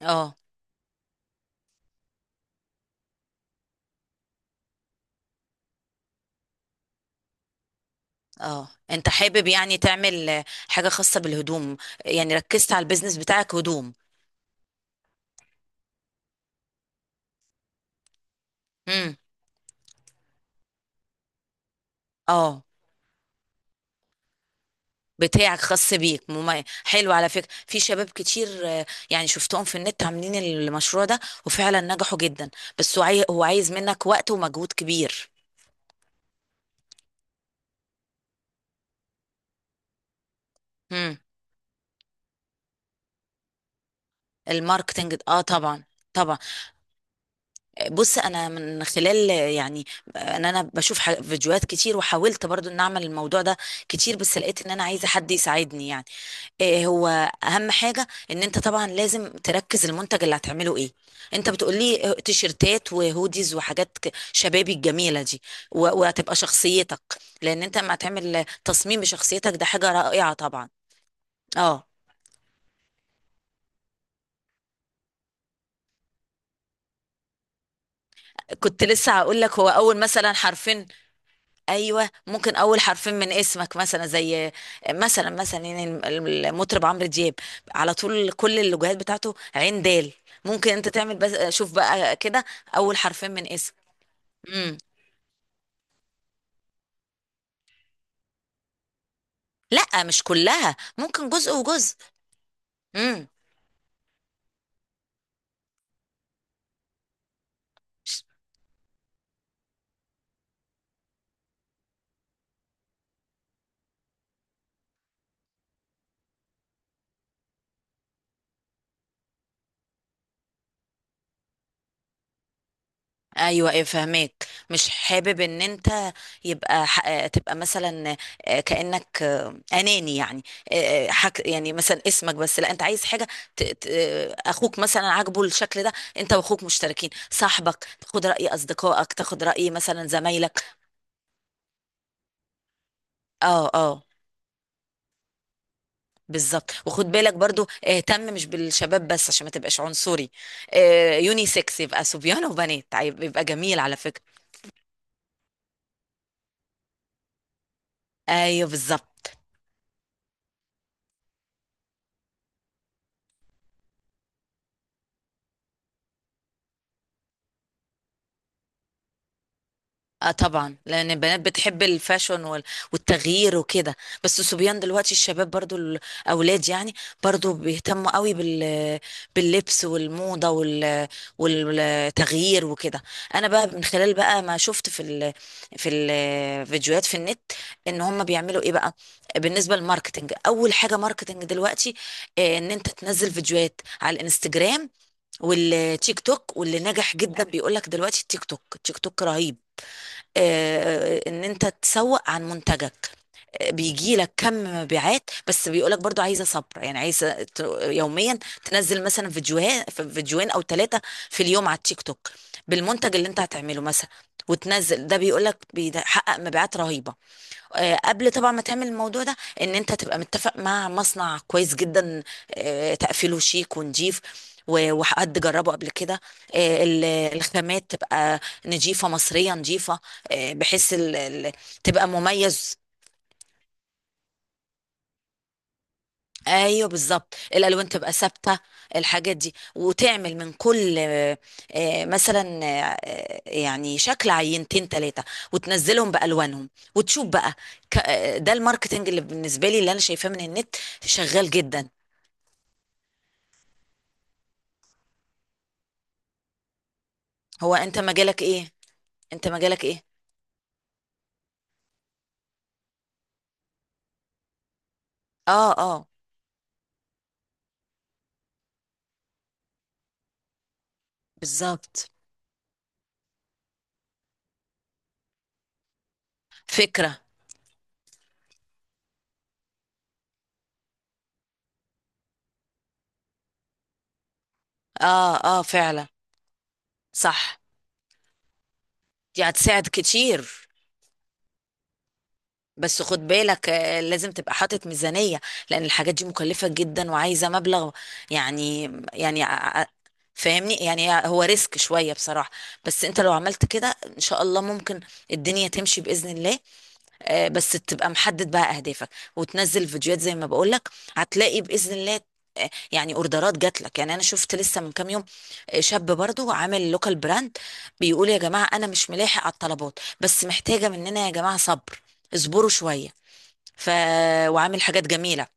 اه اه انت حابب يعني تعمل حاجة خاصة بالهدوم. يعني ركزت على البيزنس بتاعك هدوم. امم. اه بتاعك خاص بيك. حلو على فكرة، في شباب كتير، يعني شفتهم في النت عاملين المشروع ده وفعلا نجحوا جدا. بس هو هو عايز منك وقت ومجهود كبير. امم. الماركتنج اه طبعا. طبعا. بص، انا من خلال يعني ان انا بشوف فيديوهات كتير، وحاولت برضو ان اعمل الموضوع ده كتير، بس لقيت ان انا عايزه حد يساعدني يعني. إيه هو اهم حاجه؟ ان انت طبعا لازم تركز المنتج اللي هتعمله ايه. انت بتقولي تيشرتات وهوديز وحاجات شبابي الجميله دي وهتبقى شخصيتك، لان انت لما هتعمل تصميم بشخصيتك ده حاجه رائعه طبعا. اه كنت لسه هقول لك هو اول مثلا حرفين. ايوه، ممكن اول حرفين من اسمك مثلا، زي مثلا يعني المطرب عمرو دياب، على طول كل اللوجوهات بتاعته عين دال. ممكن انت تعمل، بس شوف بقى كده اول حرفين من اسم. امم. لا مش كلها، ممكن جزء وجزء. امم. ايوه ايه فهمك. مش حابب ان انت يبقى ح... آه، تبقى مثلا كانك اناني يعني. آه، يعني مثلا اسمك بس، لا انت عايز حاجه ت... ت... آه، اخوك مثلا عاجبه الشكل ده، انت واخوك مشتركين، صاحبك تاخد راي اصدقائك، تاخد راي مثلا زمايلك. اه اه بالظبط. وخد بالك برضو اهتم مش بالشباب بس عشان ما تبقاش عنصري. يونيسكس، يبقى صبيان وبنات. يبقى جميل على فكرة. ايوه بالظبط. اه طبعا، لان البنات بتحب الفاشون والتغيير وكده. بس الصبيان دلوقتي الشباب برضو الاولاد يعني برضو بيهتموا قوي باللبس والموضه والتغيير وكده. انا بقى من خلال بقى ما شفت في في الفيديوهات في النت ان هم بيعملوا ايه بقى. بالنسبه للماركتنج، اول حاجه ماركتنج دلوقتي ان انت تنزل فيديوهات على الانستجرام والتيك توك، واللي نجح جدا بيقول لك دلوقتي التيك توك التيك توك رهيب. ان انت تسوق عن منتجك، بيجي لك كم مبيعات، بس بيقولك برضو عايزه صبر، يعني عايزه يوميا تنزل مثلا فيديوهات، فيديوهين او ثلاثه في اليوم على التيك توك بالمنتج اللي انت هتعمله مثلا، وتنزل. ده بيقولك بيحقق مبيعات رهيبه. قبل طبعا ما تعمل الموضوع ده، ان انت تبقى متفق مع مصنع كويس جدا، تقفيله شيك ونضيف وحد جربه قبل كده. آه، ال- الخامات تبقى نضيفة، مصرية نضيفة، بحيث تبقى مميز. ايوه بالظبط، الالوان تبقى ثابته. الحاجات دي، وتعمل من كل مثلا يعني شكل عينتين ثلاثه، وتنزلهم بالوانهم، وتشوف بقى. ده الماركتنج اللي بالنسبه لي، اللي انا شايفاه من النت شغال جدا. هو انت مجالك ايه؟ انت مجالك ايه؟ اه اه بالظبط. فكره. اه اه فعلا. صح، دي هتساعد كتير. بس خد بالك لازم تبقى حاطط ميزانية، لأن الحاجات دي مكلفة جدا وعايزة مبلغ. يعني فاهمني يعني، هو ريسك شوية بصراحة. بس انت لو عملت كده ان شاء الله ممكن الدنيا تمشي بإذن الله. بس تبقى محدد بقى اهدافك، وتنزل فيديوهات زي ما بقولك، هتلاقي باذن الله يعني اوردرات جات لك. يعني انا شفت لسه من كام يوم شاب برضو عامل لوكال براند، بيقول يا جماعه انا مش ملاحق على الطلبات، بس محتاجه مننا يا جماعه صبر، اصبروا شويه. ف وعامل حاجات جميله.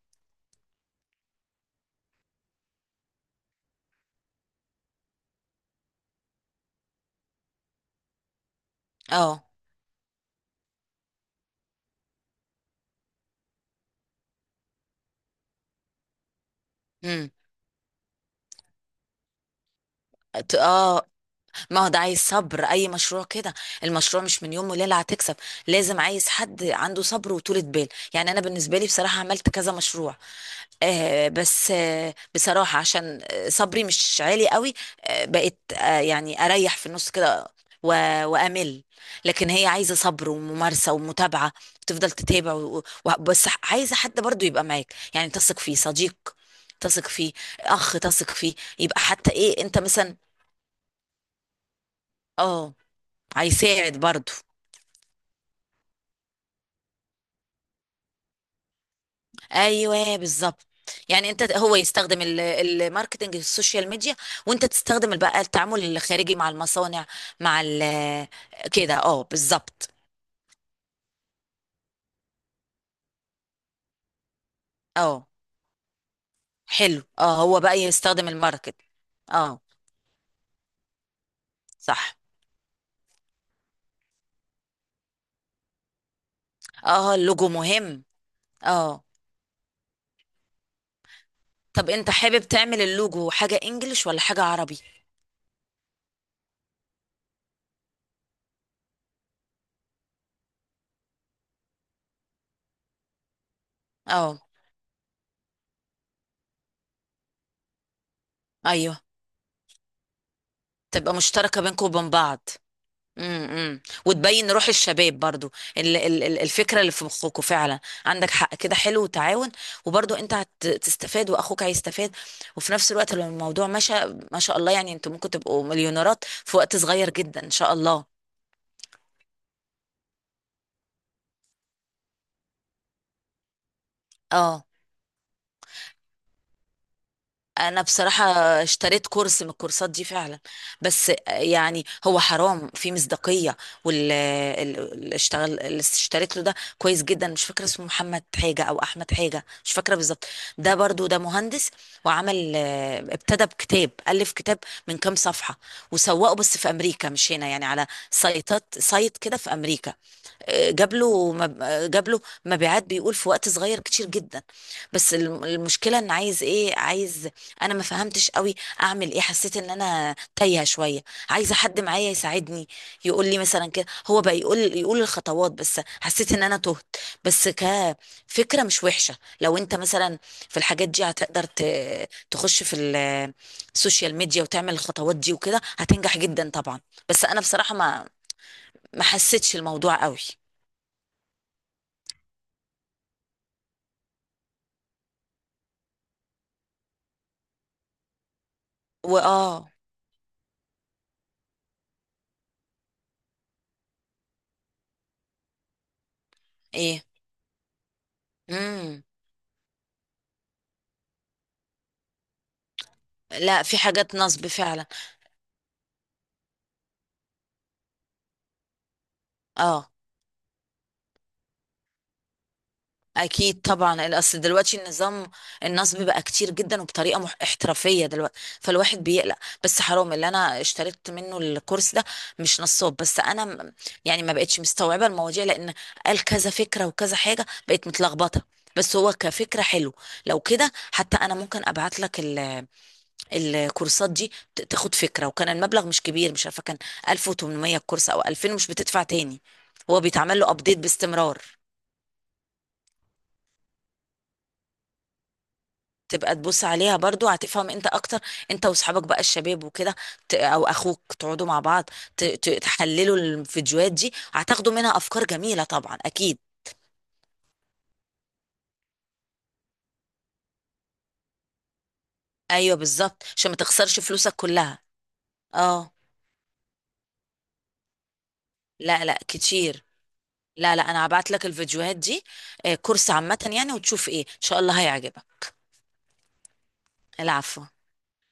اه. امم. اه، ما هو ده عايز صبر، اي مشروع كده. المشروع مش من يوم وليله هتكسب، لازم عايز حد عنده صبر وطولة بال. يعني انا بالنسبه لي بصراحه عملت كذا مشروع، آه بس آه بصراحه عشان صبري مش عالي قوي، آه بقيت آه يعني اريح في النص كده وامل. لكن هي عايزه صبر وممارسه ومتابعه، تفضل تتابع بس عايزه حد برضو يبقى معاك، يعني تثق فيه، صديق تثق فيه، اخ تثق فيه. يبقى حتى ايه انت مثلا. اه، هيساعد برضو. ايوه بالظبط. يعني انت هو يستخدم الماركتنج السوشيال ميديا، وانت تستخدم بقى التعامل الخارجي مع المصانع مع ال. كده اه بالظبط. اه حلو. اه، هو بقى يستخدم الماركت. اه. صح. اه اللوجو مهم. اه، طب انت حابب تعمل اللوجو حاجة انجليش ولا حاجة عربي؟ اه ايوه، تبقى مشتركة بينكم وبين بعض. وتبين روح الشباب برضو، الفكره اللي في مخكوا فعلا. عندك حق، كده حلو وتعاون، وبرضو انت هتستفاد واخوك هيستفاد، وفي نفس الوقت لو الموضوع مشى ما شاء الله، يعني انتوا ممكن تبقوا مليونيرات في وقت صغير جدا ان شاء الله. اه، انا بصراحة اشتريت كورس من الكورسات دي فعلا، بس يعني هو حرام في مصداقية، واللي اشتغل اللي اشتريت له ده كويس جدا. مش فاكرة اسمه، محمد حاجة او احمد حاجة، مش فاكرة بالظبط. ده برضو ده مهندس، وعمل ابتدى بكتاب، الف كتاب من كام صفحة، وسوقه بس في امريكا مش هنا، يعني على سايتات، سايت كده في امريكا، جاب له جاب له مبيعات بيقول في وقت صغير كتير جدا. بس المشكله ان عايز ايه عايز، انا ما فهمتش قوي اعمل ايه، حسيت ان انا تايهه شويه، عايزه حد معايا يساعدني يقول لي مثلا كده. هو بقى يقول الخطوات، بس حسيت ان انا تهت. بس كفكره مش وحشه، لو انت مثلا في الحاجات دي هتقدر تخش في السوشيال ميديا وتعمل الخطوات دي وكده هتنجح جدا طبعا. بس انا بصراحه ما حسيتش الموضوع قوي. واه. ايه. امم. لا في حاجات نصب فعلا. اه اكيد طبعا، الاصل دلوقتي النظام النصب بقى كتير جدا وبطريقه احترافيه دلوقتي، فالواحد بيقلق. بس حرام اللي انا اشتريت منه الكورس ده مش نصاب، بس انا يعني ما بقتش مستوعبه المواضيع، لان قال كذا فكره وكذا حاجه بقت متلخبطه. بس هو كفكره حلو. لو كده حتى انا ممكن ابعت لك الكورسات دي تاخد فكرة. وكان المبلغ مش كبير، مش عارفة كان 1800 الكورس او 2000، مش بتدفع تاني، هو بيتعمل له ابديت باستمرار. تبقى تبص عليها برضو هتفهم انت اكتر، انت واصحابك بقى الشباب وكده، او اخوك، تقعدوا مع بعض تحللوا الفيديوهات دي، هتاخدوا منها افكار جميلة طبعا اكيد. ايوه بالظبط عشان ما تخسرش فلوسك كلها. اه لا لا كتير. لا لا انا هبعت لك الفيديوهات دي كورس عامة يعني، وتشوف، ايه ان شاء الله هيعجبك. العفو.